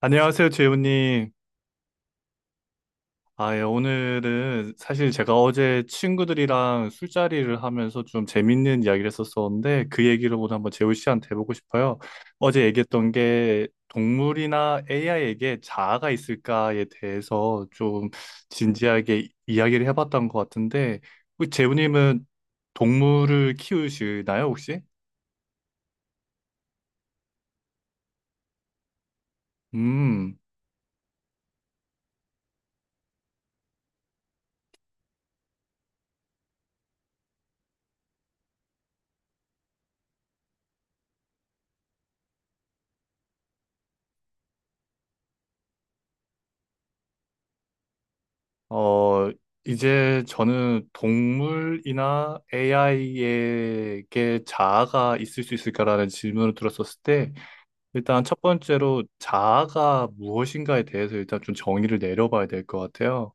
안녕하세요, 재훈님. 오늘은 사실 제가 어제 친구들이랑 술자리를 하면서 좀 재밌는 이야기를 했었었는데 그 얘기를 오늘 한번 재훈 씨한테 해보고 싶어요. 어제 얘기했던 게 동물이나 AI에게 자아가 있을까에 대해서 좀 진지하게 이야기를 해봤던 것 같은데 혹시 재훈님은 동물을 키우시나요, 혹시? 음. 어, 이제 저는 동물이나 AI에게 자아가 있을 수 있을까라는 질문을 들었었을 때, 일단 첫 번째로 자아가 무엇인가에 대해서 일단 좀 정의를 내려봐야 될 것 같아요.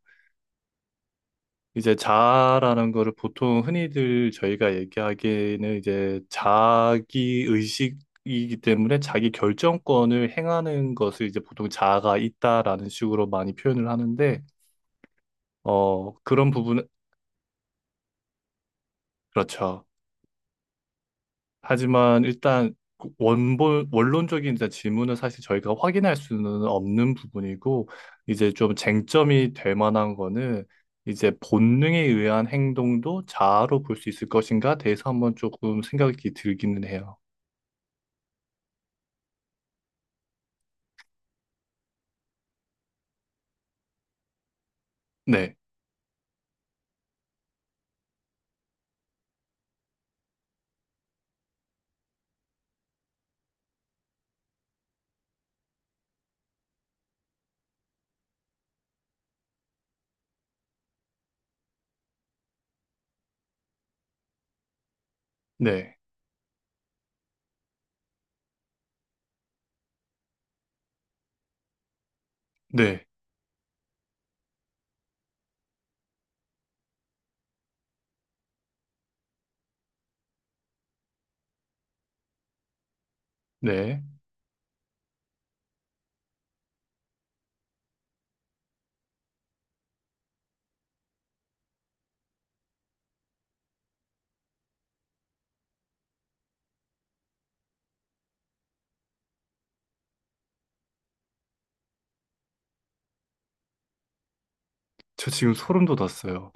이제 자아라는 거를 보통 흔히들 저희가 얘기하기에는 이제 자기 의식이기 때문에 자기 결정권을 행하는 것을 이제 보통 자아가 있다라는 식으로 많이 표현을 하는데, 그런 부분은, 그렇죠. 하지만 일단 그 원본 원론적인 이제 질문은 사실 저희가 확인할 수는 없는 부분이고 이제 좀 쟁점이 될 만한 거는 이제 본능에 의한 행동도 자아로 볼 수 있을 것인가 대해서 한번 조금 생각이 들기는 해요. 네, 네, 네, 네. 저 지금 소름 돋았어요.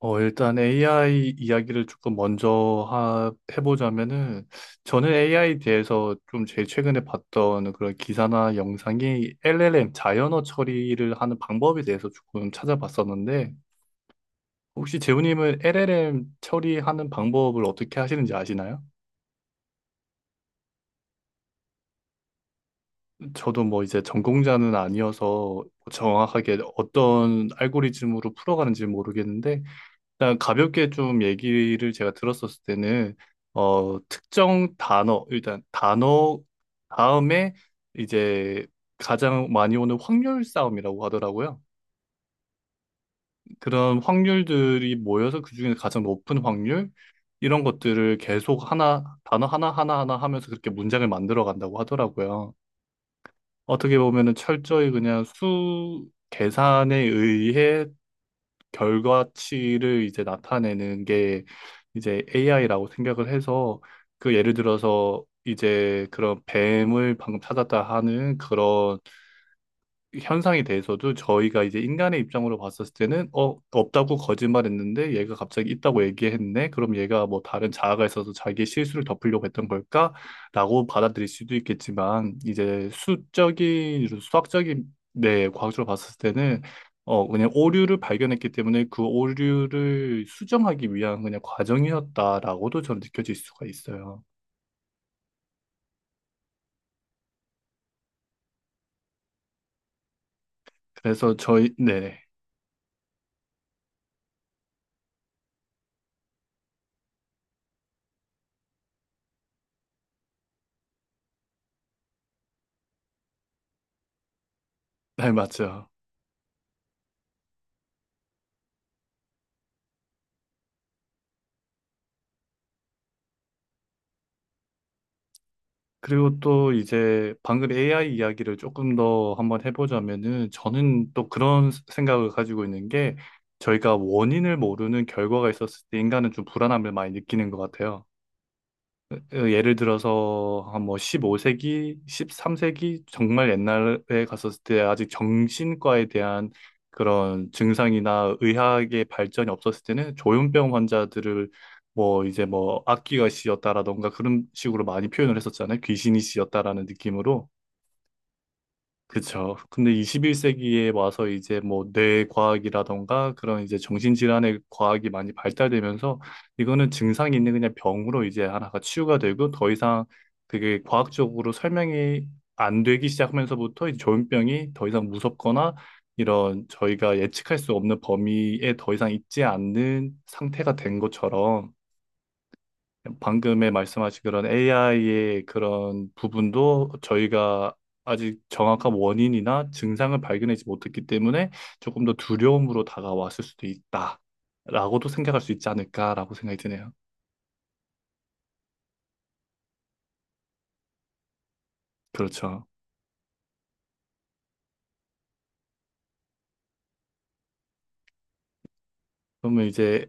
일단 AI 이야기를 조금 먼저 해보자면은, 저는 AI에 대해서 좀 제일 최근에 봤던 그런 기사나 영상이 LLM, 자연어 처리를 하는 방법에 대해서 조금 찾아봤었는데, 혹시 재훈님은 LLM 처리하는 방법을 어떻게 하시는지 아시나요? 저도 뭐 이제 전공자는 아니어서 정확하게 어떤 알고리즘으로 풀어가는지 모르겠는데, 일단 가볍게 좀 얘기를 제가 들었었을 때는 특정 단어 일단 단어 다음에 이제 가장 많이 오는 확률 싸움이라고 하더라고요. 그런 확률들이 모여서 그중에 가장 높은 확률 이런 것들을 계속 하나 단어 하나 하면서 그렇게 문장을 만들어 간다고 하더라고요. 어떻게 보면은 철저히 그냥 수 계산에 의해 결과치를 이제 나타내는 게 이제 AI라고 생각을 해서 그 예를 들어서 이제 그런 뱀을 방금 찾았다 하는 그런 현상에 대해서도 저희가 이제 인간의 입장으로 봤었을 때는 없다고 거짓말했는데 얘가 갑자기 있다고 얘기했네. 그럼 얘가 뭐 다른 자아가 있어서 자기의 실수를 덮으려고 했던 걸까라고 받아들일 수도 있겠지만, 이제 수적인 수학적인 네 과학적으로 봤을 때는 그냥 오류를 발견했기 때문에 그 오류를 수정하기 위한 그냥 과정이었다라고도 저는 느껴질 수가 있어요. 그래서 저희. 네네. 네 맞죠. 그리고 또 이제 방금 AI 이야기를 조금 더 한번 해보자면은, 저는 또 그런 생각을 가지고 있는 게 저희가 원인을 모르는 결과가 있었을 때 인간은 좀 불안함을 많이 느끼는 것 같아요. 예를 들어서 한 뭐 15세기, 13세기 정말 옛날에 갔었을 때 아직 정신과에 대한 그런 증상이나 의학의 발전이 없었을 때는 조현병 환자들을 악귀가 씌었다라던가 그런 식으로 많이 표현을 했었잖아요. 귀신이 씌었다라는 느낌으로. 그쵸. 근데 21세기에 와서 이제 뭐 뇌과학이라던가 그런 이제 정신질환의 과학이 많이 발달되면서 이거는 증상이 있는 그냥 병으로 이제 하나가 치유가 되고 더 이상 그게 과학적으로 설명이 안 되기 시작하면서부터, 이 조현병이 더 이상 무섭거나 이런 저희가 예측할 수 없는 범위에 더 이상 있지 않는 상태가 된 것처럼, 방금에 말씀하신 그런 AI의 그런 부분도 저희가 아직 정확한 원인이나 증상을 발견하지 못했기 때문에 조금 더 두려움으로 다가왔을 수도 있다라고도 생각할 수 있지 않을까라고 생각이 드네요. 그렇죠. 그러면 이제,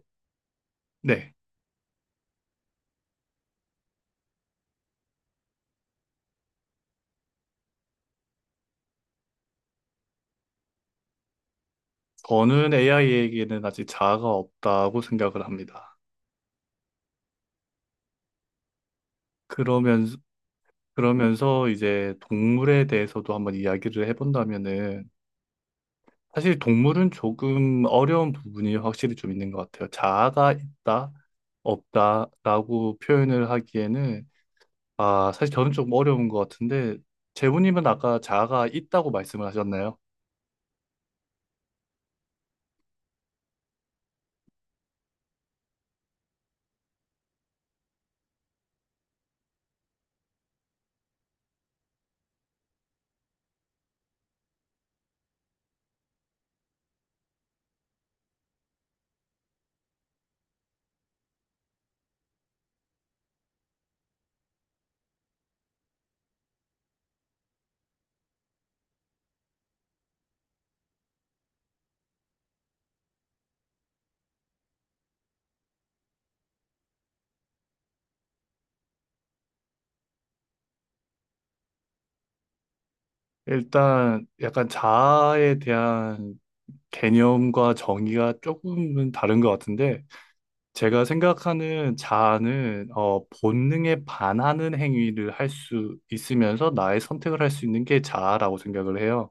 네. 저는 AI에게는 아직 자아가 없다고 생각을 합니다. 그러면서, 그러면서 이제 동물에 대해서도 한번 이야기를 해본다면은, 사실 동물은 조금 어려운 부분이 확실히 좀 있는 것 같아요. 자아가 있다, 없다라고 표현을 하기에는, 사실 저는 좀 어려운 것 같은데, 재훈님은 아까 자아가 있다고 말씀을 하셨나요? 일단 약간 자아에 대한 개념과 정의가 조금은 다른 것 같은데 제가 생각하는 자아는 본능에 반하는 행위를 할 수 있으면서 나의 선택을 할 수 있는 게 자아라고 생각을 해요.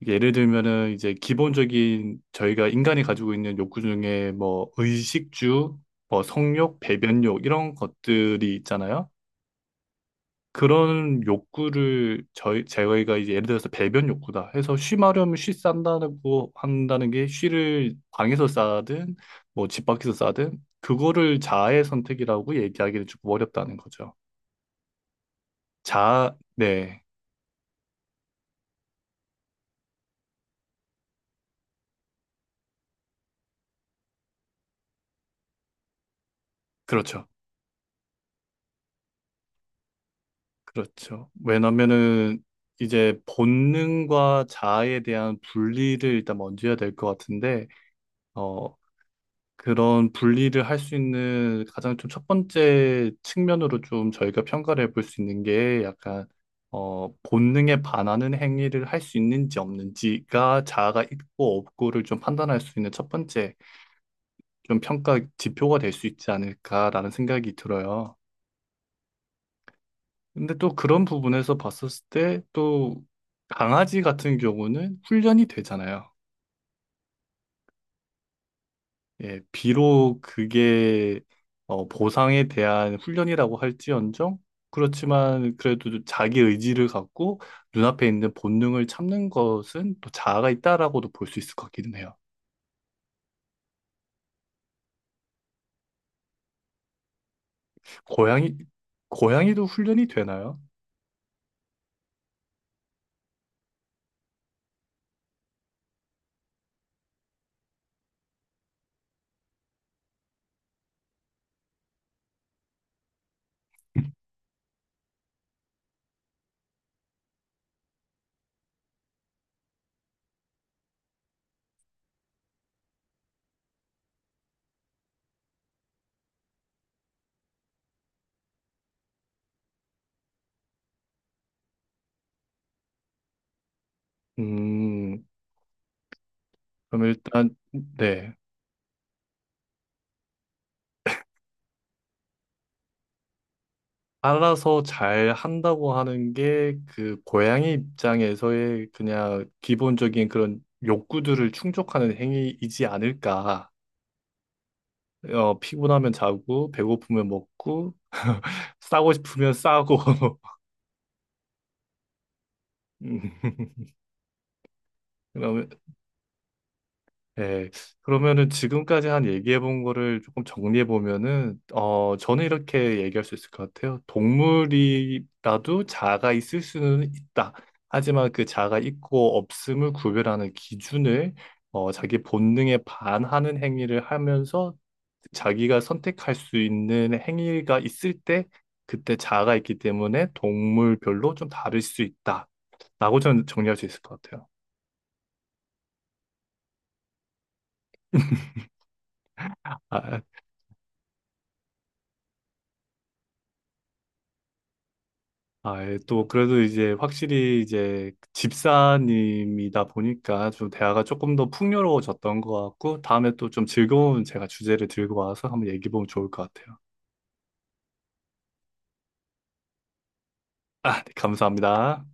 이게 예를 들면은 이제 기본적인 저희가 인간이 가지고 있는 욕구 중에 뭐 의식주, 뭐 성욕, 배변욕 이런 것들이 있잖아요. 그런 욕구를 저희가 이제 예를 들어서 배변 욕구다 해서 쉬 마려면 쉬 싼다고 한다는 게, 쉬를 방에서 싸든 뭐 집 밖에서 싸든 그거를 자아의 선택이라고 얘기하기는 조금 어렵다는 거죠. 네, 그렇죠. 그렇죠. 왜냐면은 이제 본능과 자아에 대한 분리를 일단 먼저 해야 될 것 같은데, 어, 그런 분리를 할 수 있는 가장 좀 첫 번째 측면으로 좀 저희가 평가를 해볼 수 있는 게 약간, 본능에 반하는 행위를 할 수 있는지 없는지가 자아가 있고 없고를 좀 판단할 수 있는 첫 번째 좀 평가 지표가 될 수 있지 않을까라는 생각이 들어요. 근데 또 그런 부분에서 봤었을 때, 또 강아지 같은 경우는 훈련이 되잖아요. 예, 비록 그게 보상에 대한 훈련이라고 할지언정 그렇지만 그래도 자기 의지를 갖고 눈앞에 있는 본능을 참는 것은 또 자아가 있다라고도 볼 수 있을 것 같기는 해요. 고양이 고양이도 훈련이 되나요? 음, 그럼 일단, 네. 알아서 잘 한다고 하는 게 그 고양이 입장에서의 그냥 기본적인 그런 욕구들을 충족하는 행위이지 않을까. 피곤하면 자고, 배고프면 먹고, 싸고 싶으면 싸고. 음, 그러면 네, 그러면은 지금까지 한 얘기해 본 거를 조금 정리해 보면은, 저는 이렇게 얘기할 수 있을 것 같아요. 동물이라도 자아가 있을 수는 있다. 하지만 그 자아가 있고 없음을 구별하는 기준을, 자기 본능에 반하는 행위를 하면서 자기가 선택할 수 있는 행위가 있을 때, 그때 자아가 있기 때문에 동물별로 좀 다를 수 있다 라고 저는 정리할 수 있을 것 같아요. 아, 아, 예, 또 그래도 이제 확실히 이제 집사님이다 보니까 좀 대화가 조금 더 풍요로워졌던 것 같고, 다음에 또 좀 즐거운 제가 주제를 들고 와서 한번 얘기해 보면 좋을 것 같아요. 아, 네, 감사합니다.